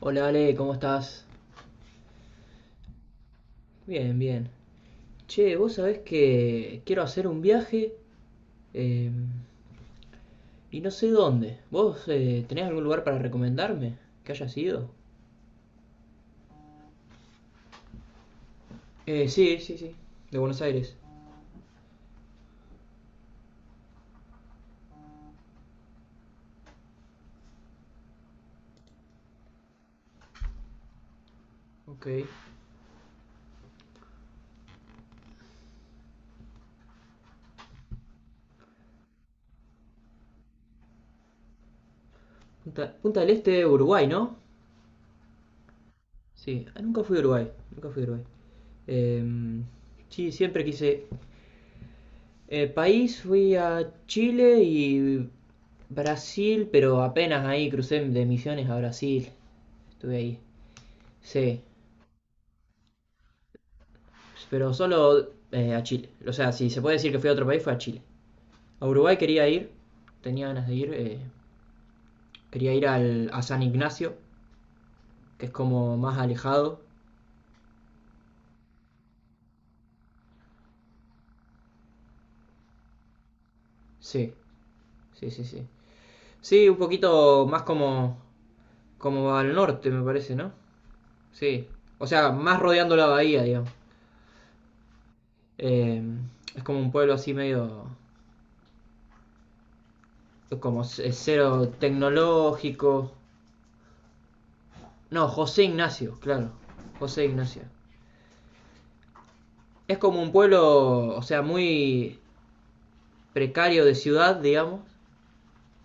Hola Ale, ¿cómo estás? Bien, bien. Che, vos sabés que quiero hacer un viaje eh, y no sé dónde. ¿Vos tenés algún lugar para recomendarme que haya sido? Sí, sí, sí. De Buenos Aires. Ok. Punta del Este, Uruguay, ¿no? Sí. Ah, nunca fui a Uruguay. Nunca fui a Uruguay. Em, sí, siempre quise. País, fui a Chile y Brasil, pero apenas ahí crucé de Misiones a Brasil. Estuve ahí. Sí, pero solo a Chile. O sea, si se puede decir que fui a otro país, fue a Chile. A Uruguay quería ir, tenía ganas de ir. Quería ir a San Ignacio, que es como más alejado. Sí, sí, sí, sí. Sí, un poquito más como al norte, me parece, ¿no? Sí. O sea, más rodeando la bahía, digamos. Eh, es como un pueblo así medio, como cero tecnológico. No, José Ignacio, claro. José Ignacio. Es como un pueblo, o sea, muy precario de ciudad, digamos.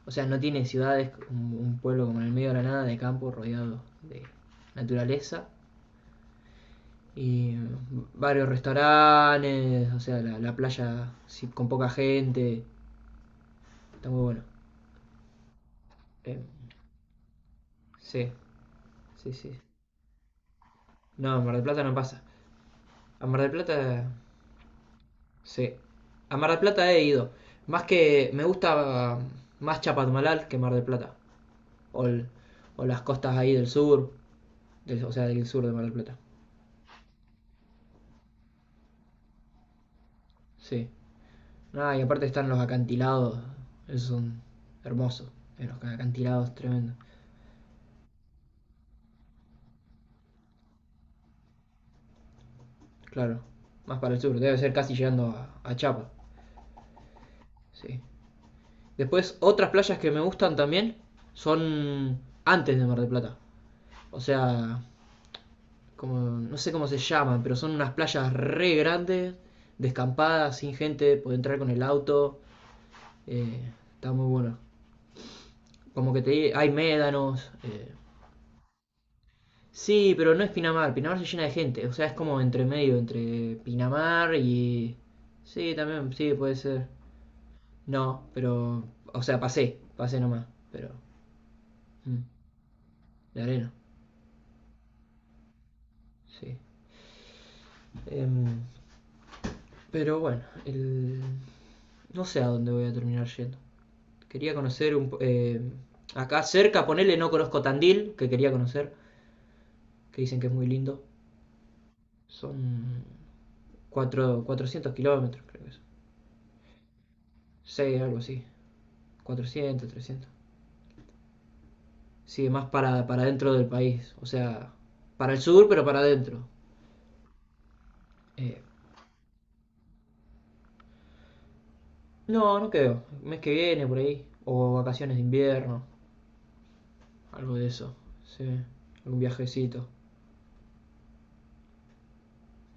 O sea, no tiene ciudades, un pueblo como en el medio de la nada, de campo, rodeado de naturaleza. Y varios restaurantes, o sea, la playa sí, con poca gente. Está muy bueno. Eh, sí, sí, sí. No, en Mar del Plata no pasa. A Mar del Plata, sí. A Mar del Plata he ido. Más que me gusta más Chapadmalal que Mar del Plata. o, el- o las costas ahí del sur, o sea, del sur de Mar del Plata. Sí. Nada, y aparte están los acantilados, esos son hermosos, los acantilados tremendos. Claro, más para el sur, debe ser casi llegando a, Chapa. Sí. Después, otras playas que me gustan también son antes de Mar del Plata. O sea, como, no sé cómo se llaman, pero son unas playas re grandes, descampadas, sin gente, puede entrar con el auto. eh, Está muy bueno. Como que te hay médanos. Sí, pero no es Pinamar. Pinamar se llena de gente. O sea, es como entre medio, entre Pinamar y. Sí, también, sí, puede ser. No, pero. O sea, pasé nomás. Pero, mm, la arena, sí. Em, pero bueno, no sé a dónde voy a terminar yendo. Quería conocer acá cerca, ponele, no conozco Tandil, que quería conocer, que dicen que es muy lindo. Son 400 kilómetros, creo que es. Sí, algo así. 400, 300. Sí, más para dentro del país. O sea, para el sur, pero para adentro. Eh, no, no creo. El mes que viene, por ahí. O vacaciones de invierno. Algo de eso. Sí. Algún viajecito.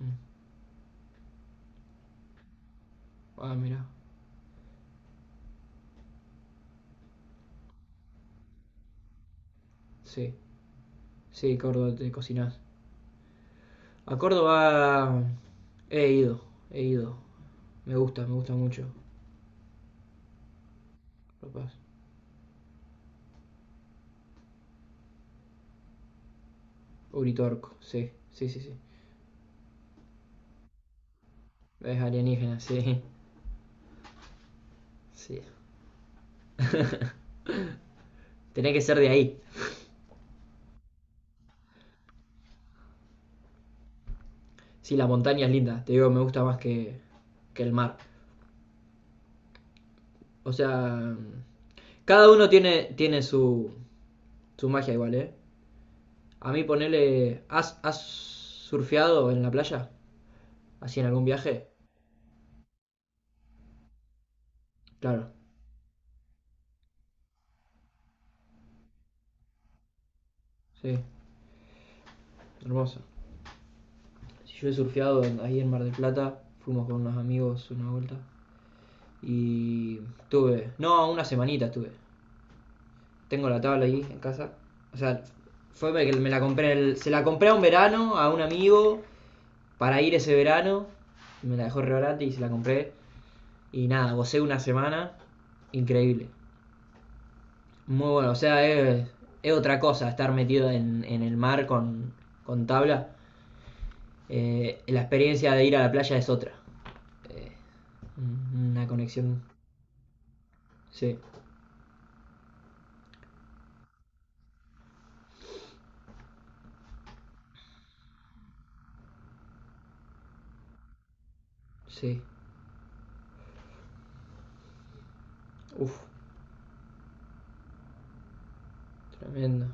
Mm. Ah, mira. Sí. Sí, Córdoba, te cocinás. A Córdoba he ido. He ido. Me gusta mucho. Capaz. Uritorco. Sí, sí, sí, sí. Es alienígena, sí. Sí. Tenés que ser de ahí. Sí, la montaña es linda, te digo, me gusta más que, el mar. O sea, cada uno tiene su magia igual, ¿eh? A mí ponerle. ¿Has surfeado en la playa? ¿Así en algún viaje? Claro, sí, hermoso. Si yo he surfeado ahí en Mar del Plata, fuimos con unos amigos una vuelta y no, una semanita estuve. Tengo la tabla ahí en casa. O sea, fue que me la compré, se la compré a un verano a un amigo para ir ese verano. Me la dejó re barata y se la compré. Y nada, gocé una semana. Increíble. Muy bueno, o sea, es, otra cosa estar metido en, el mar con, tabla. La experiencia de ir a la playa es otra. Una conexión. Sí, sí. Uf, tremendo.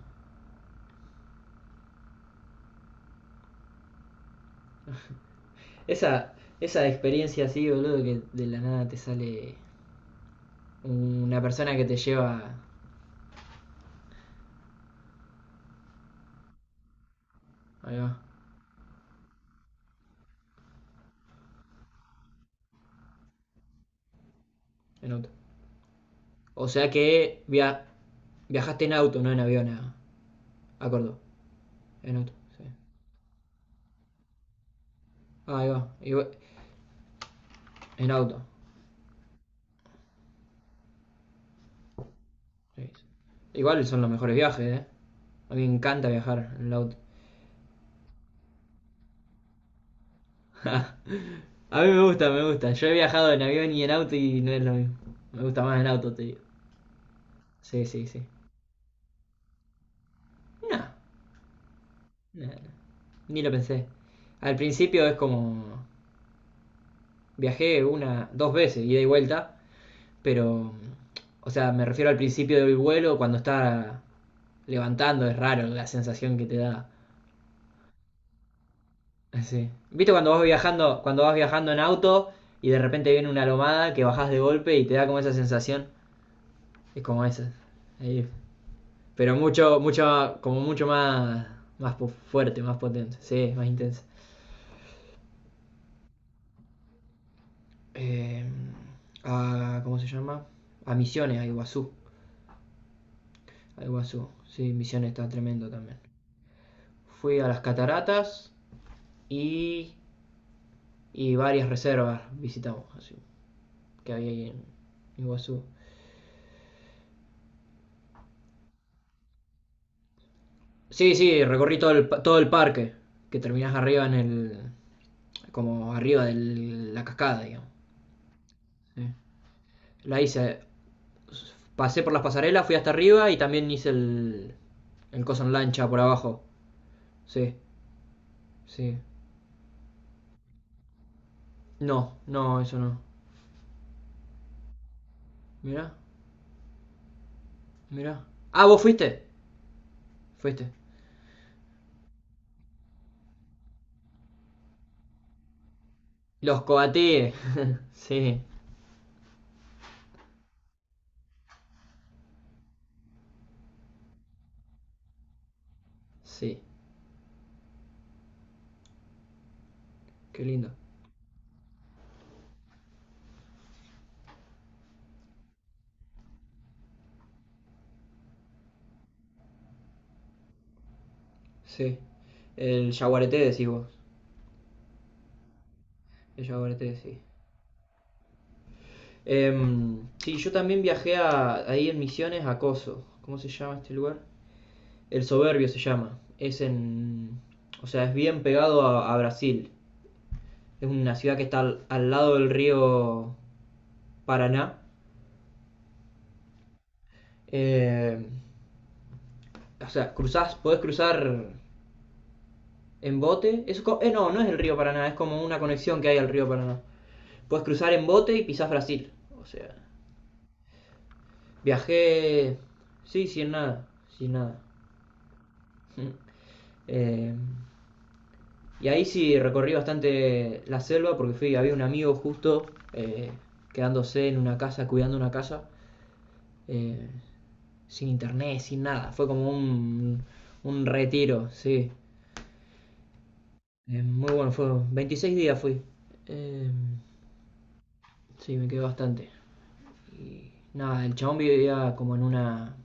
Esa, esa experiencia así, boludo, que de la nada te sale una persona que te lleva. Ahí va, en auto. O sea que viajaste en auto, no en avión a, Córdoba. En auto, sí. Ah, ahí va. En auto. Sí. Sí. Igual son los mejores viajes, ¿eh? A mí me encanta viajar en el auto. A mí me gusta, me gusta. Yo he viajado en avión y en auto y no es lo mismo. Me gusta más en auto, te digo. Sí, sí, sí. No, no, no. Ni lo pensé. Al principio es como. Viajé una, dos veces, ida y vuelta, pero. O sea, me refiero al principio del vuelo, cuando está levantando, es raro la sensación que te da. Así. ¿Viste cuando vas viajando, en auto y de repente viene una lomada que bajás de golpe y te da como esa sensación? Es como esa. Ahí. Pero mucho, mucho, como mucho más fuerte, más potente, sí, más intensa. Eh, ¿Cómo se llama? A Misiones, a Iguazú. A Iguazú, sí, Misiones está tremendo también. Fui a las cataratas y, y varias reservas visitamos así, que había ahí en Iguazú. Sí, sí, recorrí todo el parque, que terminás arriba en el, como arriba de la cascada, digamos. Sí. La hice, pasé por las pasarelas, fui hasta arriba y también hice el coso en lancha por abajo. Sí, sí. No, no, eso no. Mirá, mirá. Ah, vos fuiste. Fuiste. Los coatíes. Sí, sí. Qué lindo. Sí. El yaguareté decís vos. El yaguareté, sí. Sí, yo también viajé ahí en Misiones a Coso. ¿Cómo se llama este lugar? El Soberbio se llama. O sea, es bien pegado a, Brasil. Es una ciudad que está al lado del río Paraná. Eh, o sea, cruzás, podés cruzar en bote. Eso, no, no es el río Paraná, es como una conexión que hay al río Paraná. Puedes cruzar en bote y pisás Brasil. O sea, viajé... sí, sin nada, sin nada. Eh, y ahí sí recorrí bastante la selva porque fui, había un amigo justo eh, quedándose en una casa, cuidando una casa, eh, sin internet, sin nada. Fue como un retiro, sí. Muy bueno, fue 26 días fui. Eh, sí, me quedé bastante. Nada, el chabón vivía como en una,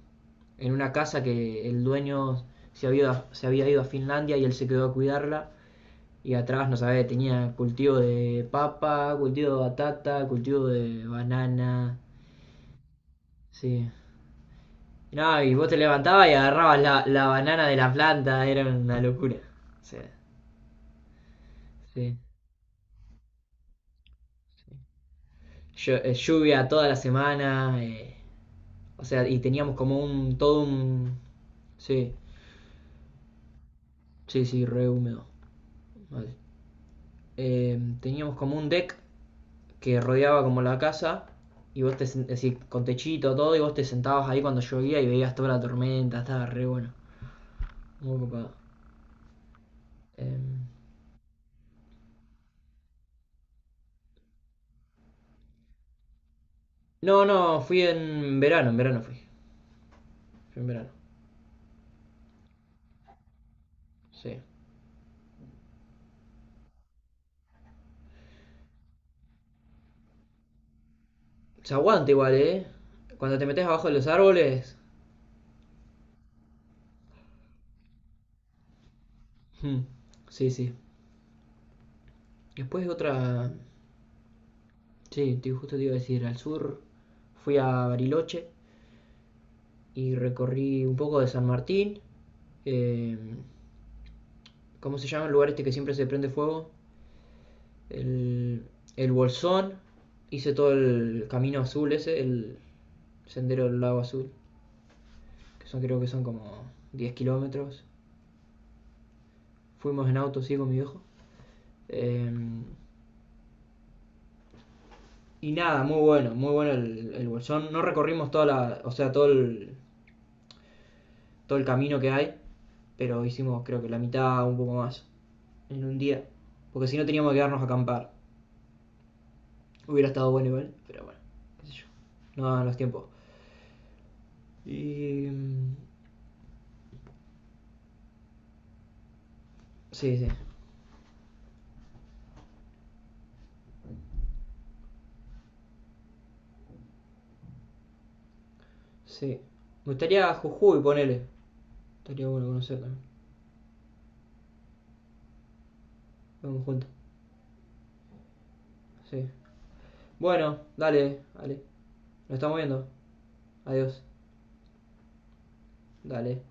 en una casa que el dueño se había ido a Finlandia y él se quedó a cuidarla. Y atrás, no sabés, tenía cultivo de papa, cultivo de batata, cultivo de banana. Sí. Y no, y vos te levantabas y agarrabas la banana de la planta, era una locura. O sea, sí. Lluvia toda la semana, o sea, y teníamos como todo un. Sí, sí, sí, re húmedo. Mal. Teníamos como un deck que rodeaba como la casa, y vos te, es decir, con techito, todo, y vos te sentabas ahí cuando llovía y veías toda la tormenta, estaba re bueno. Muy copado. Em, no, no, fui en verano fui. Fui en verano, sí. Se aguanta igual, ¿eh? Cuando te metes abajo de los árboles. Hmm, sí, sí. Después otra. Sí, justo te iba a decir, al sur fui a Bariloche y recorrí un poco de San Martín. em, ¿cómo se llama el lugar este que siempre se prende fuego? El, el Bolsón. Hice todo el camino azul ese, el sendero del lago azul, que son, creo que son como 10 kilómetros. Fuimos en auto, sí, con mi viejo. Eh, y nada, muy bueno, muy bueno el Bolsón. No recorrimos toda la, o sea, todo el camino que hay, pero hicimos creo que la mitad, un poco más, en un día. Porque si no teníamos que quedarnos a acampar. Hubiera estado bueno igual, pero bueno, qué sé yo. No daban los tiempos. Y... mm, Sí, sí, sí. Me gustaría Jujuy, ponele. Estaría bueno conocer también. Vamos juntos, sí. Bueno, dale, dale. Nos estamos viendo. Adiós. Dale.